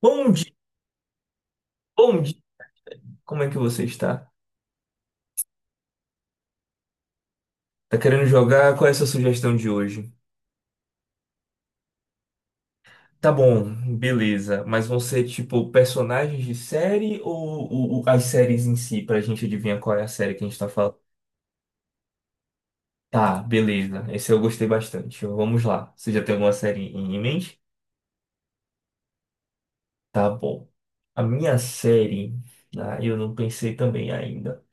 Bom dia, bom dia. Como é que você está? Tá querendo jogar? Qual é a sua sugestão de hoje? Tá bom, beleza. Mas vão ser tipo personagens de série ou, as séries em si, pra gente adivinhar qual é a série que a gente tá falando? Tá, beleza. Esse eu gostei bastante. Vamos lá. Você já tem alguma série em mente? Tá bom. A minha série, ah, eu não pensei também ainda.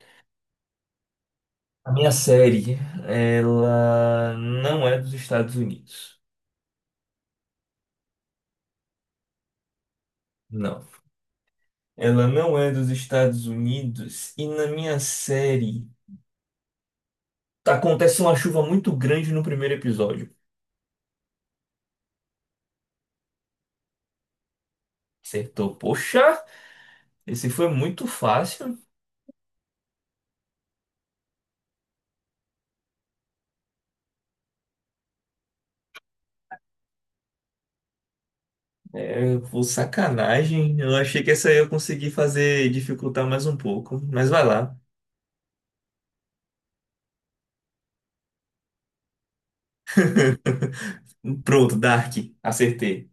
A minha série, ela não é dos Estados Unidos. Não. Ela não é dos Estados Unidos e na minha série tá, acontece uma chuva muito grande no primeiro episódio. Acertou. Poxa, esse foi muito fácil. É, foi sacanagem. Eu achei que essa aí eu consegui fazer dificultar mais um pouco, mas vai lá. Pronto, Dark, acertei.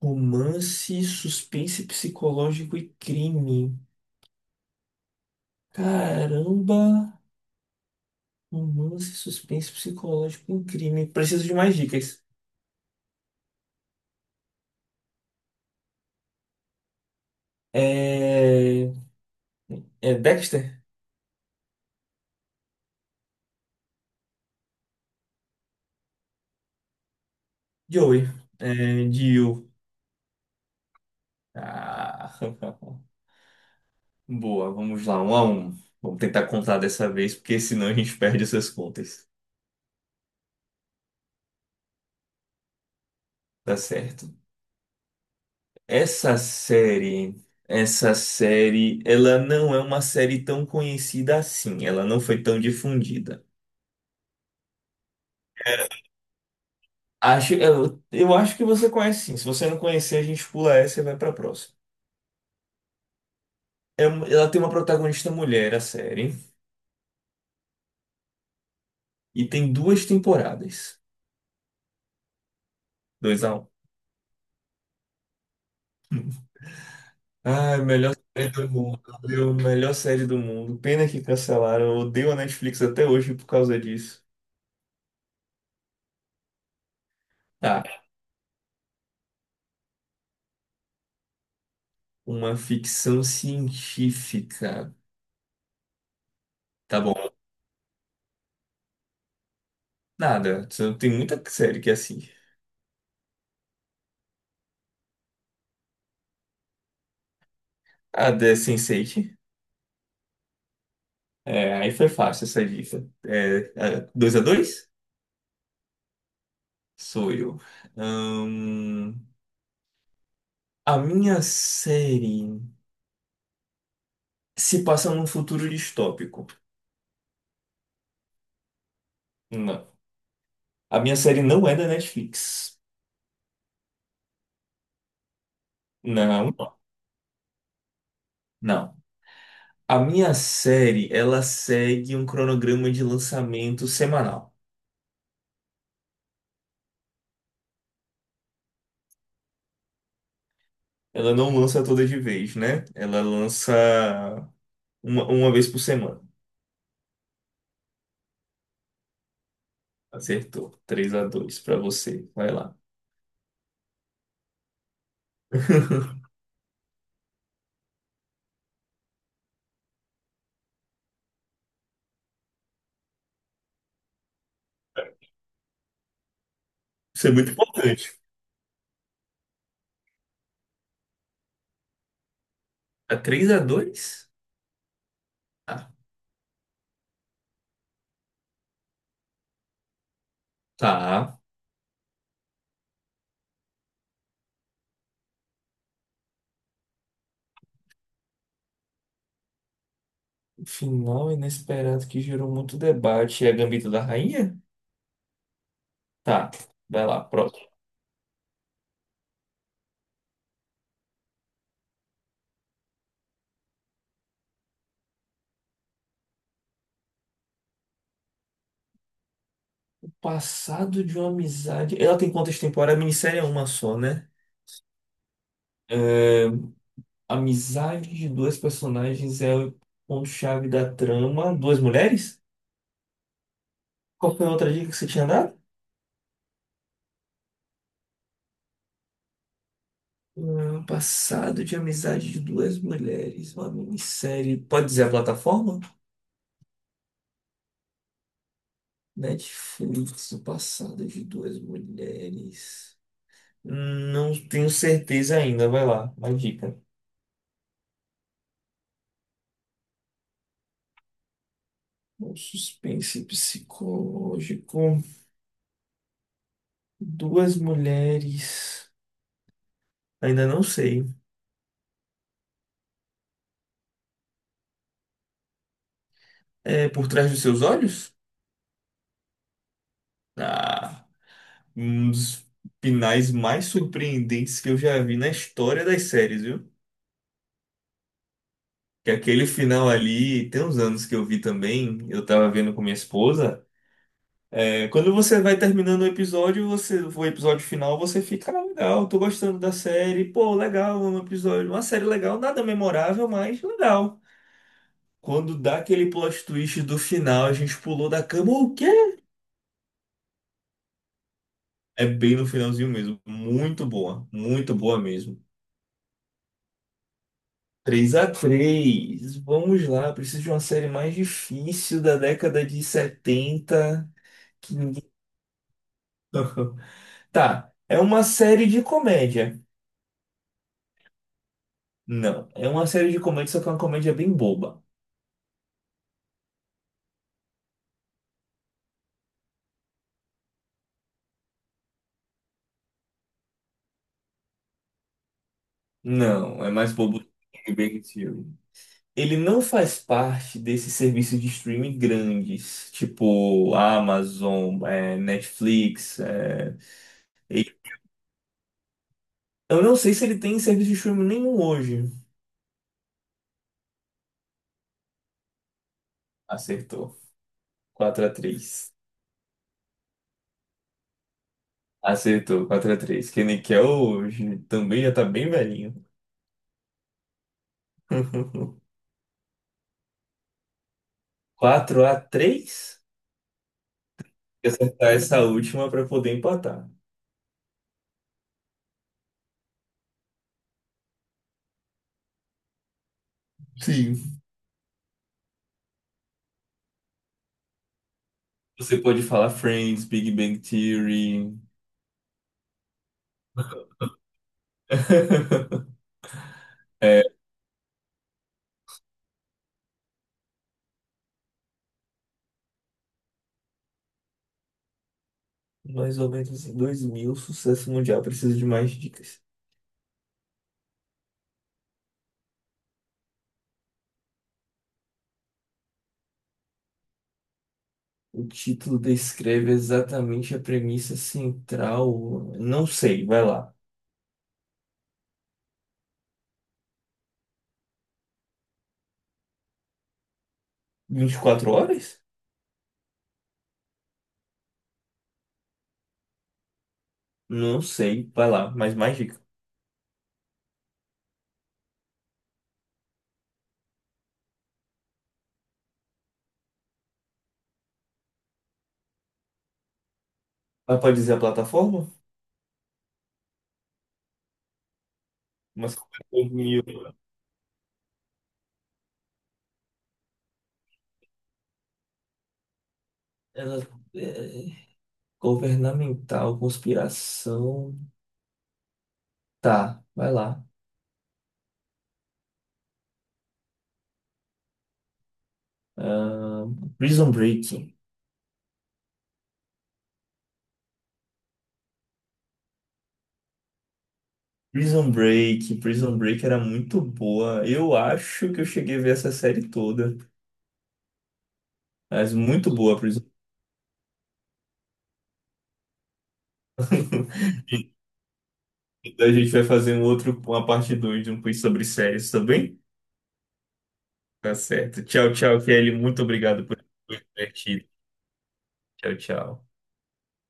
Romance, suspense psicológico e crime. Caramba! Romance, suspense psicológico e crime. Preciso de mais dicas. É... É Dexter? Joey. É, Jill. Ah, boa, vamos lá, 1-1. Vamos tentar contar dessa vez, porque senão a gente perde essas contas. Tá certo. Essa série, essa série, ela não é uma série tão conhecida assim. Ela não foi tão difundida. Acho, eu acho que você conhece sim. Se você não conhecer, a gente pula essa e vai pra próxima. É uma- ela tem uma protagonista mulher, a série, e tem duas temporadas. 2-1. Ai, melhor série do mundo, viu? Melhor série do mundo. Pena que cancelaram. Eu odeio a Netflix até hoje por causa disso. Tá, uma ficção científica. Tá bom. Nada. Tem muita série que é assim. A The Sense8. É, aí foi fácil essa dica. 2-2. Sou eu. Ahn, a minha série se passa num futuro distópico. Não. A minha série não é da Netflix. Não, não. A minha série, ela segue um cronograma de lançamento semanal. Ela não lança toda de vez, né? Ela lança uma vez por semana. Acertou. 3-2 para você. Vai lá. Isso é muito importante. A 3-2? Ah, tá. O final inesperado que gerou muito debate. É a Gambito da Rainha? Tá. Vai lá, próximo. Passado de uma amizade. Ela tem quantas temporadas? A minissérie é uma só, né? É, a amizade de dois personagens é o ponto-chave da trama. Duas mulheres? Qual foi a outra dica que você tinha dado? Passado de amizade de duas mulheres, uma minissérie. Pode dizer a plataforma? Netflix, o passado de duas mulheres. Não tenho certeza ainda, vai lá, uma dica. Um suspense psicológico. Duas mulheres. Ainda não sei. É por trás dos seus olhos? Ah, um dos finais mais surpreendentes que eu já vi na história das séries, viu? Que aquele final ali, tem uns anos que eu vi também, eu tava vendo com minha esposa. É, quando você vai terminando o episódio, você, o episódio final, você fica, ah, legal, tô gostando da série, pô, legal, é um episódio, uma série legal, nada memorável, mas legal. Quando dá aquele plot twist do final, a gente pulou da cama, o quê? É bem no finalzinho mesmo. Muito boa mesmo. 3-3, vamos lá, preciso de uma série mais difícil da década de 70 que ninguém- Tá, é uma série de comédia. Não, é uma série de comédia, só que é uma comédia bem boba. Não, é mais bobo que Big Bang Theory. Ele não faz parte desse serviço de streaming grandes, tipo Amazon, é, Netflix. E- Eu não sei se ele tem serviço de streaming nenhum hoje. Acertou. 4-3. Acertou, quatro a três. Que hoje também já tá bem velhinho. 4-3. Tem que acertar essa última para poder empatar. Sim. Você pode falar Friends, Big Bang Theory. É, mais ou menos em 2000, sucesso mundial, precisa de mais dicas. O título descreve exatamente a premissa central. Não sei, vai lá. 24 horas? Não sei, vai lá, mas mais dica. Ah, pode dizer a plataforma? Mas como é 2000? Ela é, governamental, conspiração. Tá, vai lá. Prison Break. Prison Break. Prison Break era muito boa. Eu acho que eu cheguei a ver essa série toda. Mas muito boa, a Prison Break. A gente vai fazer um outro, uma parte 2 de um quiz sobre séries, tá bem? Tá certo. Tchau, tchau, Kelly. Muito obrigado por ter divertido. Tchau, tchau.